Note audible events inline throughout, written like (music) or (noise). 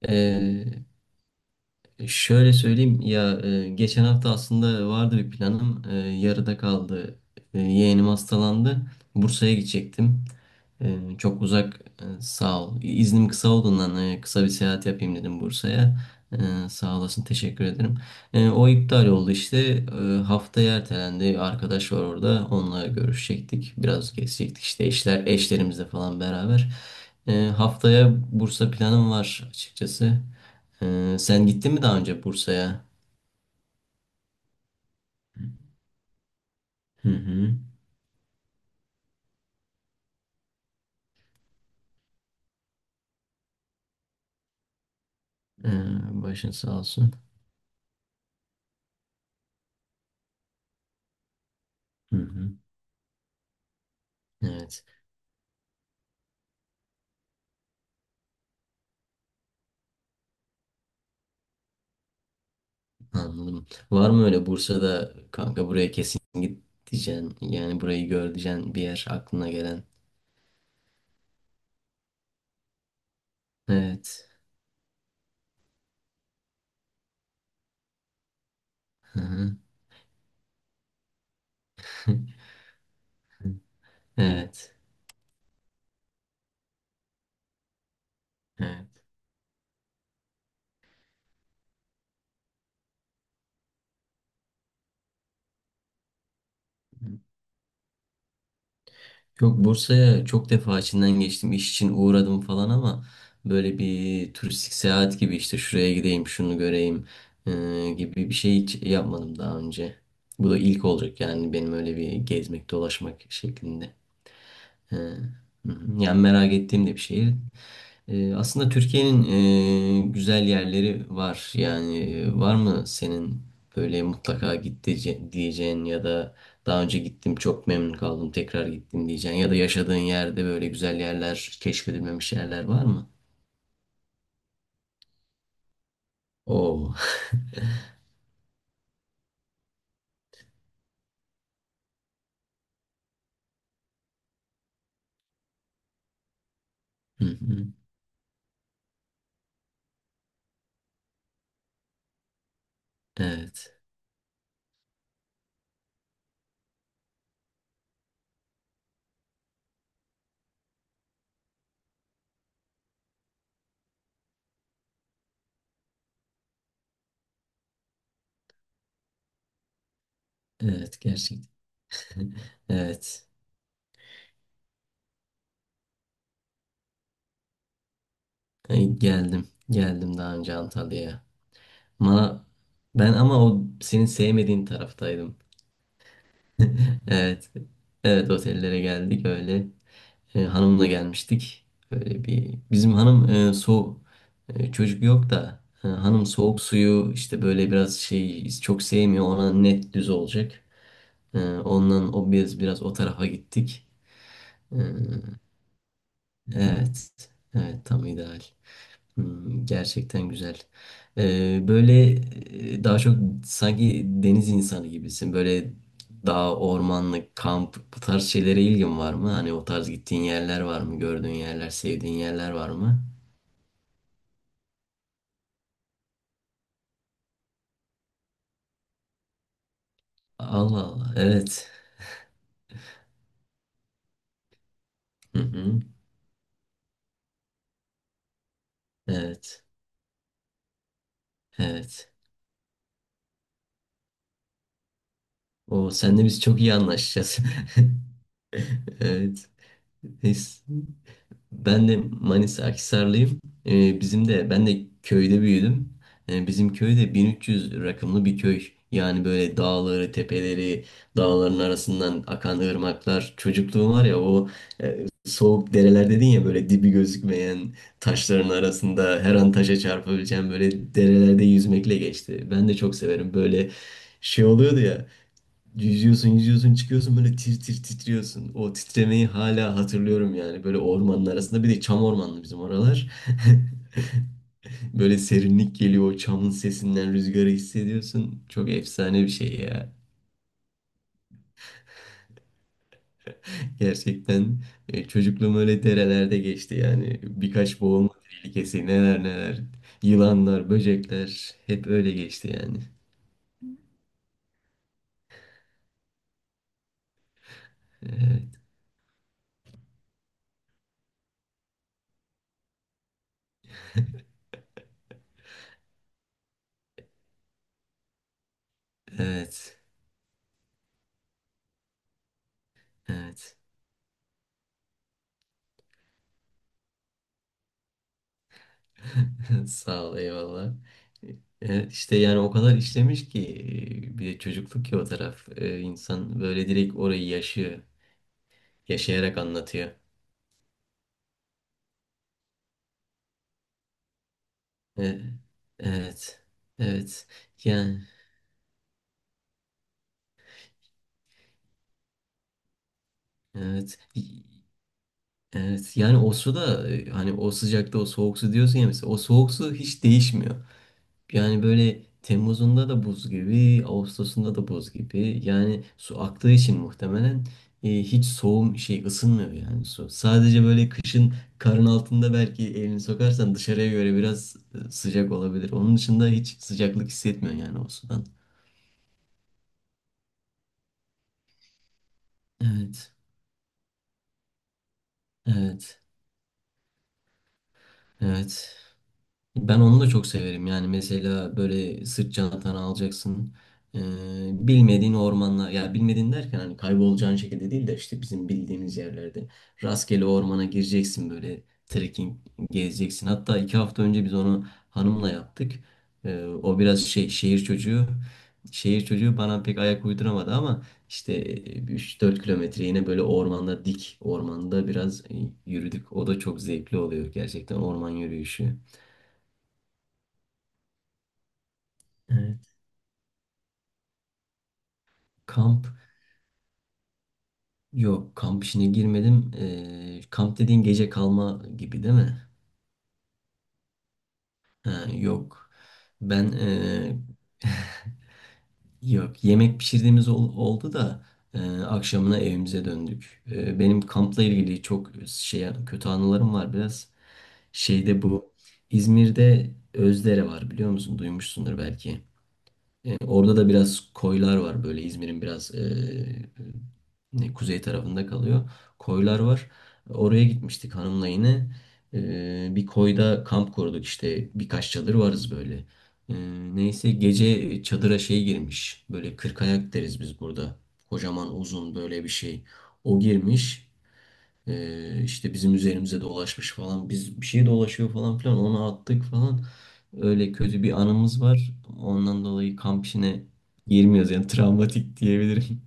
Ee, şöyle söyleyeyim ya, geçen hafta aslında vardı bir planım. Yarıda kaldı. Yeğenim hastalandı. Bursa'ya gidecektim. Çok uzak, sağ ol. İznim kısa olduğundan kısa bir seyahat yapayım dedim Bursa'ya. Sağ olasın, teşekkür ederim. O iptal oldu işte. Haftaya ertelendi. Arkadaş var orada. Onunla görüşecektik. Biraz gezecektik işte eşlerimizle falan beraber. Haftaya Bursa planım var açıkçası. Sen gittin mi daha önce Bursa'ya? Hı hı. Başın sağ olsun. Hı hı. Evet, anladım. Var mı öyle Bursa'da kanka, buraya kesin git diyeceksin. Yani burayı gör diyeceksin, bir yer aklına gelen. Evet. Hı hı. (laughs) Evet. Evet. Yok, Bursa'ya çok defa içinden geçtim. İş için uğradım falan, ama böyle bir turistik seyahat gibi işte şuraya gideyim, şunu göreyim e, gibi bir şey hiç yapmadım daha önce. Bu da ilk olacak, yani benim öyle bir gezmek, dolaşmak şeklinde. He. Hı hı. Yani merak ettiğim de bir şehir. Aslında Türkiye'nin güzel yerleri var. Yani, var mı senin böyle mutlaka git diyeceğin, ya da daha önce gittim çok memnun kaldım tekrar gittim diyeceğin, ya da yaşadığın yerde böyle güzel yerler, keşfedilmemiş yerler var mı? Oo. (laughs) Hı hı. Evet. Evet, gerçekten. (laughs) Evet. Ay, geldim. Geldim daha önce Antalya'ya. Bana ben ama o senin sevmediğin taraftaydım. Evet. Evet, otellere geldik öyle. E, hanımla gelmiştik. Böyle bir bizim hanım soğuk, çocuk yok da, hanım soğuk suyu işte böyle biraz şey çok sevmiyor. Ona net düz olacak. E, ondan o biraz o tarafa gittik. E, evet. Evet, tam ideal. Gerçekten güzel. Böyle, daha çok sanki deniz insanı gibisin. Böyle dağ, ormanlık, kamp, bu tarz şeylere ilgin var mı? Hani o tarz gittiğin yerler var mı? Gördüğün yerler, sevdiğin yerler var mı? Allah Allah. Evet. Hı hı. Evet. Evet. O, senle biz çok iyi anlaşacağız. (laughs) Evet. Neyse. Ben de Manisa Akhisarlıyım. Bizim de ben de köyde büyüdüm. Bizim köyde 1300 rakımlı bir köy. Yani böyle dağları, tepeleri, dağların arasından akan ırmaklar. Çocukluğum var ya, o soğuk dereler dedin ya, böyle dibi gözükmeyen taşların arasında her an taşa çarpabileceğim böyle derelerde yüzmekle geçti. Ben de çok severim. Böyle şey oluyordu ya. Yüzüyorsun, yüzüyorsun, çıkıyorsun böyle tir tir titriyorsun. O titremeyi hala hatırlıyorum yani. Böyle ormanın arasında, bir de çam ormanlı bizim oralar. (laughs) Böyle serinlik geliyor, o çamın sesinden rüzgarı hissediyorsun. Çok efsane bir şey ya. Gerçekten, çocukluğum öyle derelerde geçti yani. Birkaç boğulma tehlikesi, neler neler. Yılanlar, böcekler hep öyle geçti yani. Evet, evet, evet. (laughs) Sağ ol, eyvallah. İşte, yani o kadar işlemiş ki, bir de çocukluk ki o taraf. E, insan böyle direkt orayı yaşıyor. Yaşayarak anlatıyor. E, Evet. Evet. Yani evet. Evet. Yani o su da, hani o sıcakta o soğuk su diyorsun ya, mesela o soğuk su hiç değişmiyor. Yani böyle Temmuz'unda da buz gibi, Ağustos'unda da buz gibi. Yani su aktığı için muhtemelen hiç soğum şey ısınmıyor yani su. Sadece böyle kışın karın altında belki elini sokarsan dışarıya göre biraz sıcak olabilir. Onun dışında hiç sıcaklık hissetmiyor yani o sudan. Evet, evet, evet. Ben onu da çok severim. Yani mesela böyle sırt çantanı alacaksın. Ee, bilmediğin ormanlar, ya bilmediğin derken hani kaybolacağın şekilde değil de, işte bizim bildiğimiz yerlerde rastgele ormana gireceksin, böyle trekking gezeceksin. Hatta 2 hafta önce biz onu hanımla yaptık. O biraz şey şehir çocuğu. Şehir çocuğu bana pek ayak uyduramadı ama işte üç dört 4 kilometre yine böyle dik ormanda biraz yürüdük. O da çok zevkli oluyor gerçekten, orman yürüyüşü. Evet. Kamp, yok kamp işine girmedim. Kamp dediğin gece kalma gibi değil mi? Ha, yok. Ben (laughs) yok, yemek pişirdiğimiz oldu da akşamına evimize döndük. Benim kampla ilgili çok şey kötü anılarım var biraz. Şeyde, bu İzmir'de Özdere var biliyor musun? Duymuşsundur belki. Orada da biraz koylar var, böyle İzmir'in biraz kuzey tarafında kalıyor. Koylar var. Oraya gitmiştik hanımla yine. Bir koyda kamp kurduk işte, birkaç çadır varız böyle. E, neyse gece çadıra şey girmiş. Böyle kırkayak deriz biz burada. Kocaman uzun böyle bir şey. O girmiş. İşte bizim üzerimize dolaşmış falan. Biz, bir şey dolaşıyor falan filan. Onu attık falan. Öyle kötü bir anımız var. Ondan dolayı kamp işine girmiyoruz. Yani travmatik diyebilirim.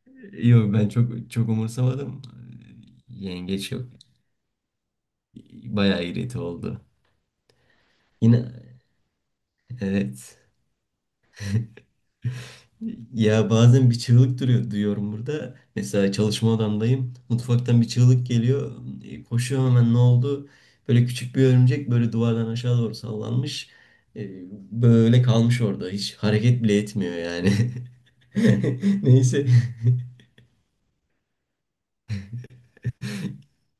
(laughs) Yok, ben çok çok umursamadım. Yengeç yok. Bayağı irite oldu. Yine evet. Ya bazen bir çığlık duruyor, duyuyorum burada. Mesela çalışma odamdayım. Mutfaktan bir çığlık geliyor. Koşuyorum hemen ne oldu? Böyle küçük bir örümcek böyle duvardan aşağı doğru sallanmış. E, Böyle kalmış orada. Hiç hareket bile etmiyor yani. (laughs) Neyse.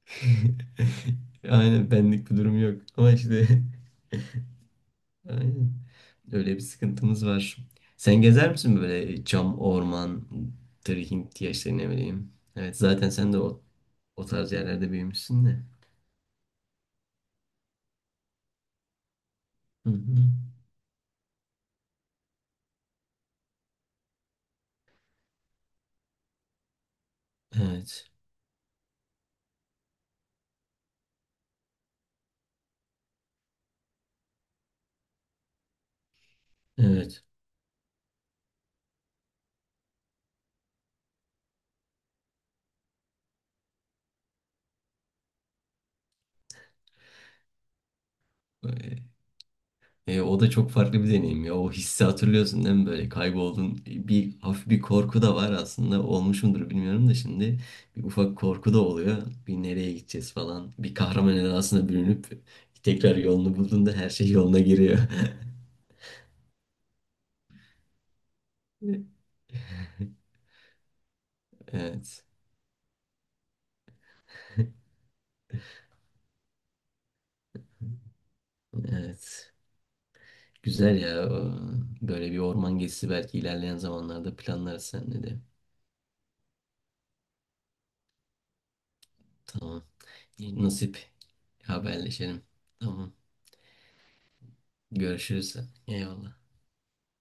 (laughs) Aynen, benlik bir durum yok. Ama işte (laughs) aynen öyle bir sıkıntımız var. Sen gezer misin böyle cam, orman, trekking diye, işte ne bileyim. Evet, zaten sen de o tarz yerlerde büyümüşsün de. Hı hı. Evet. Evet. E, o da çok farklı bir deneyim ya. O hissi hatırlıyorsun değil mi? Böyle kayboldun. Hafif bir korku da var aslında. Olmuş mudur bilmiyorum da şimdi. Bir ufak korku da oluyor. Bir nereye gideceğiz falan. Bir kahraman edasına bürünüp tekrar yolunu bulduğunda her şey yoluna giriyor. (laughs) Evet. Evet. Güzel ya. Böyle bir orman gezisi belki ilerleyen zamanlarda planlarız seninle de. Tamam. Nasip, haberleşelim. Tamam. Görüşürüz. Eyvallah.